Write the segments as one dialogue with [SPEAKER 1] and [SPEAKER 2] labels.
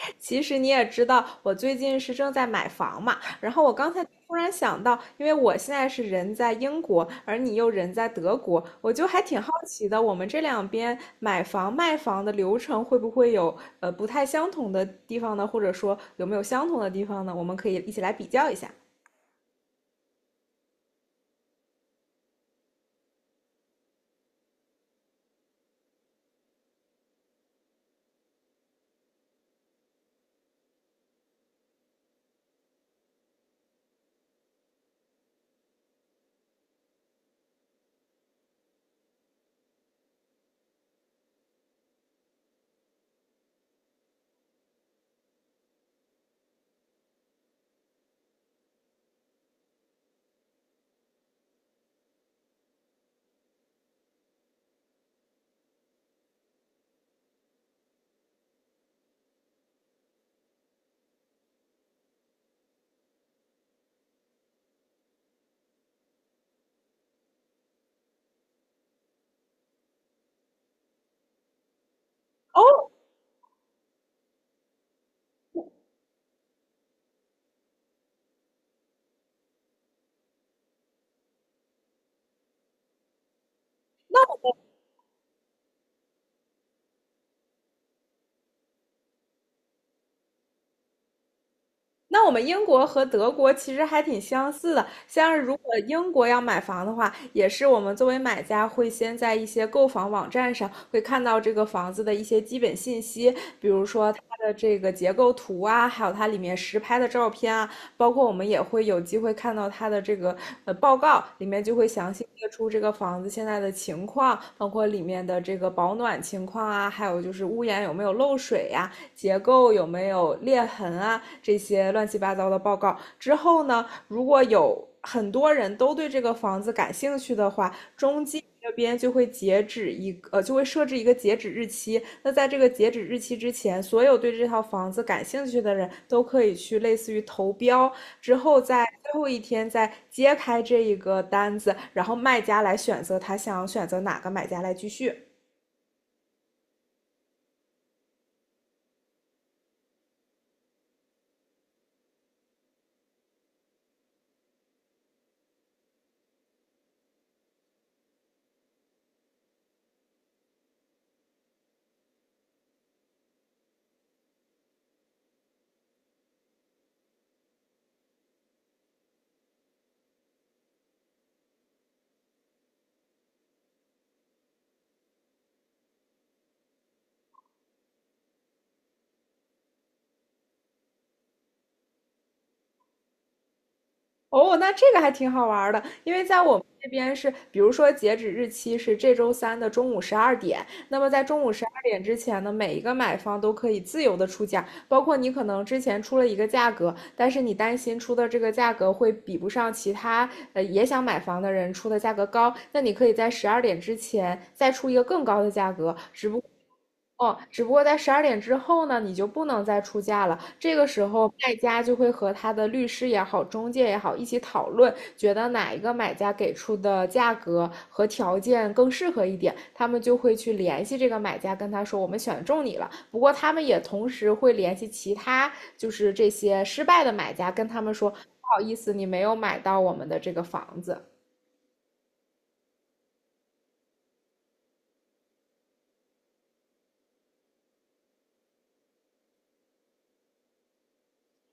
[SPEAKER 1] 其实你也知道，我最近是正在买房嘛，然后我刚才突然想到，因为我现在是人在英国，而你又人在德国，我就还挺好奇的，我们这两边买房卖房的流程会不会有不太相同的地方呢？或者说有没有相同的地方呢？我们可以一起来比较一下。那我们英国和德国其实还挺相似的，像是如果英国要买房的话，也是我们作为买家会先在一些购房网站上会看到这个房子的一些基本信息，比如说它的这个结构图啊，还有它里面实拍的照片啊，包括我们也会有机会看到它的这个报告，里面就会详细列出这个房子现在的情况，包括里面的这个保暖情况啊，还有就是屋檐有没有漏水呀、结构有没有裂痕啊这些乱七八糟的报告。之后呢，如果有很多人都对这个房子感兴趣的话，中介这边就会截止一个呃，就会设置一个截止日期。那在这个截止日期之前，所有对这套房子感兴趣的人都可以去类似于投标，之后在最后一天再揭开这一个单子，然后卖家来选择他想选择哪个买家来继续。哦，那这个还挺好玩儿的，因为在我们这边是，比如说截止日期是这周三的中午十二点，那么在中午十二点之前呢，每一个买方都可以自由的出价，包括你可能之前出了一个价格，但是你担心出的这个价格会比不上其他也想买房的人出的价格高，那你可以在十二点之前再出一个更高的价格，只不过在十二点之后呢，你就不能再出价了。这个时候，卖家就会和他的律师也好、中介也好一起讨论，觉得哪一个买家给出的价格和条件更适合一点，他们就会去联系这个买家，跟他说我们选中你了。不过他们也同时会联系其他，就是这些失败的买家，跟他们说不好意思，你没有买到我们的这个房子，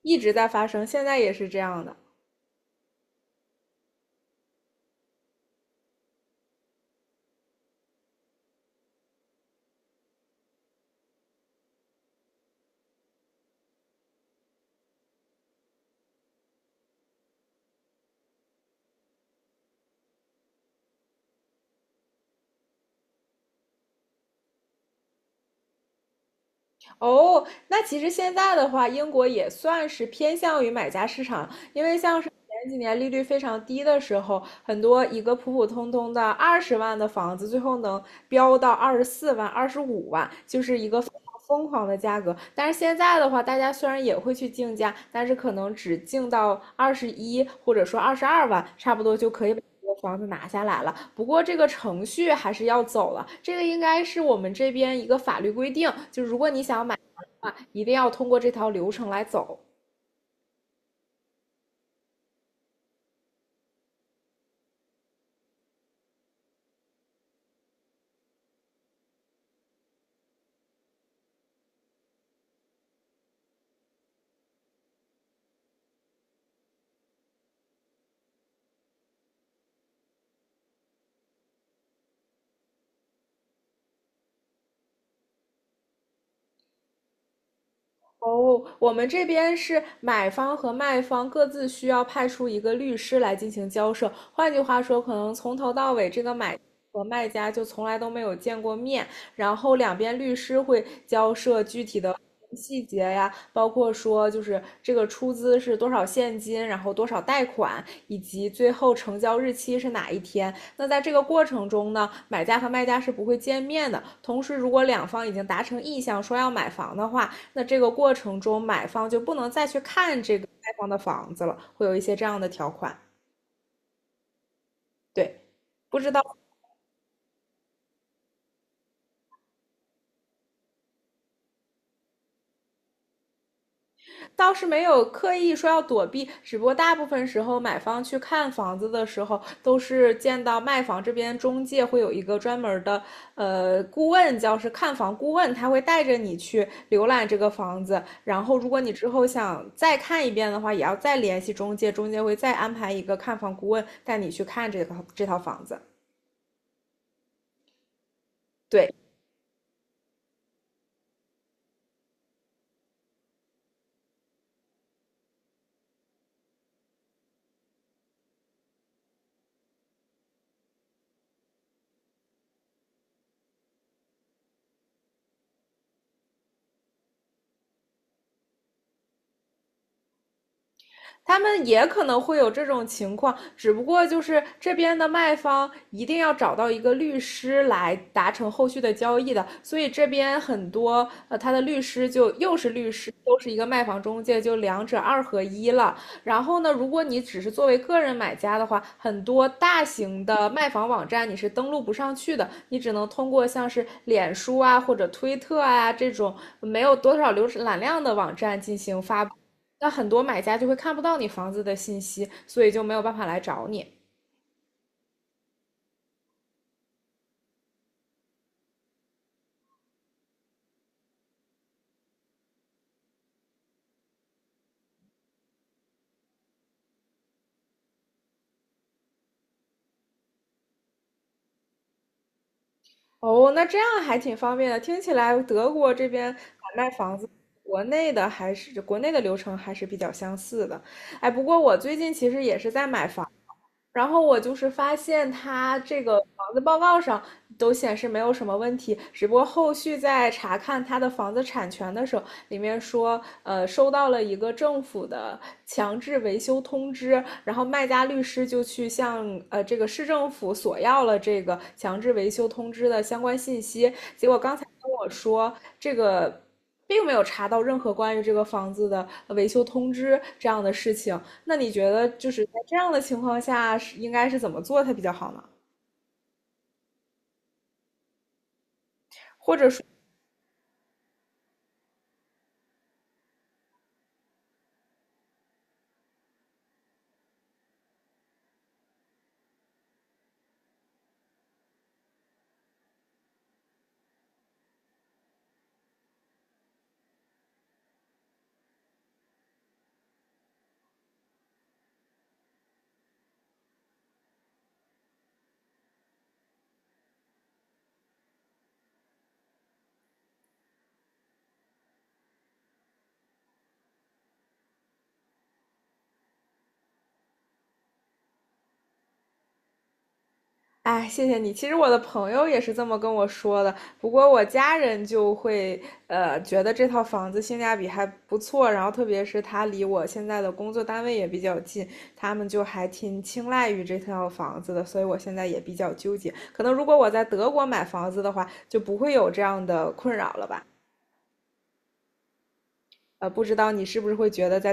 [SPEAKER 1] 一直在发生，现在也是这样的。哦，那其实现在的话，英国也算是偏向于买家市场，因为像是前几年利率非常低的时候，很多一个普普通通的20万的房子，最后能飙到24万、25万，就是一个非常疯狂的价格。但是现在的话，大家虽然也会去竞价，但是可能只竞到21或者说22万，差不多就可以把这个房子拿下来了。不过这个程序还是要走了，这个应该是我们这边一个法律规定，就如果你想买房的话，一定要通过这条流程来走。哦，我们这边是买方和卖方各自需要派出一个律师来进行交涉。换句话说，可能从头到尾这个买和卖家就从来都没有见过面，然后两边律师会交涉具体的细节呀，包括说就是这个出资是多少现金，然后多少贷款，以及最后成交日期是哪一天。那在这个过程中呢，买家和卖家是不会见面的。同时，如果两方已经达成意向说要买房的话，那这个过程中，买方就不能再去看这个卖方的房子了，会有一些这样的条款。对，不知道倒是没有刻意说要躲避，只不过大部分时候买方去看房子的时候，都是见到卖房这边中介会有一个专门的顾问，叫是看房顾问，他会带着你去浏览这个房子，然后如果你之后想再看一遍的话，也要再联系中介，中介会再安排一个看房顾问带你去看这套房子。对，他们也可能会有这种情况，只不过就是这边的卖方一定要找到一个律师来达成后续的交易的，所以这边很多呃，他的律师就又是律师，又是一个卖房中介，就两者二合一了。然后呢，如果你只是作为个人买家的话，很多大型的卖房网站你是登录不上去的，你只能通过像是脸书啊或者推特啊这种没有多少浏览量的网站进行发布。那很多买家就会看不到你房子的信息，所以就没有办法来找你。哦，那这样还挺方便的。听起来德国这边买卖房子，国内的还是国内的流程还是比较相似的。哎，不过我最近其实也是在买房。然后我就是发现他这个房子报告上都显示没有什么问题，只不过后续在查看他的房子产权的时候，里面说，收到了一个政府的强制维修通知，然后卖家律师就去向这个市政府索要了这个强制维修通知的相关信息，结果刚才跟我说这个。并没有查到任何关于这个房子的维修通知这样的事情，那你觉得就是在这样的情况下是应该是怎么做它比较好呢？或者说，哎，谢谢你。其实我的朋友也是这么跟我说的，不过我家人就会觉得这套房子性价比还不错，然后特别是它离我现在的工作单位也比较近，他们就还挺青睐于这套房子的，所以我现在也比较纠结。可能如果我在德国买房子的话，就不会有这样的困扰了吧？不知道你是不是会觉得在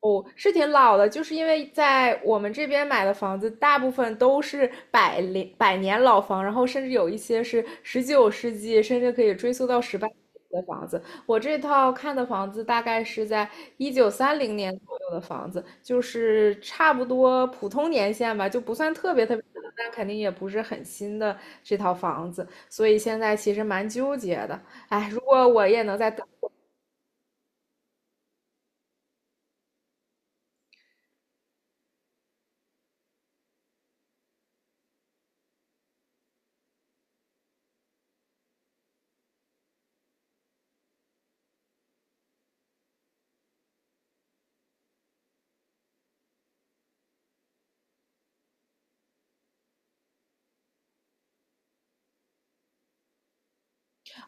[SPEAKER 1] 哦，是挺老的，就是因为在我们这边买的房子，大部分都是百年百年老房，然后甚至有一些是19世纪，甚至可以追溯到18世纪的房子。我这套看的房子大概是在1930年左右的房子，就是差不多普通年限吧，就不算特别特别老，但肯定也不是很新的这套房子，所以现在其实蛮纠结的。哎，如果我也能在等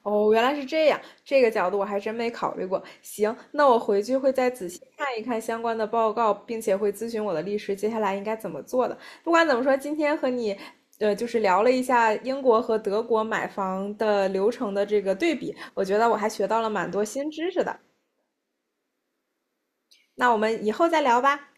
[SPEAKER 1] 哦，原来是这样，这个角度我还真没考虑过。行，那我回去会再仔细看一看相关的报告，并且会咨询我的律师，接下来应该怎么做的。不管怎么说，今天和你，就是聊了一下英国和德国买房的流程的这个对比，我觉得我还学到了蛮多新知识的。那我们以后再聊吧。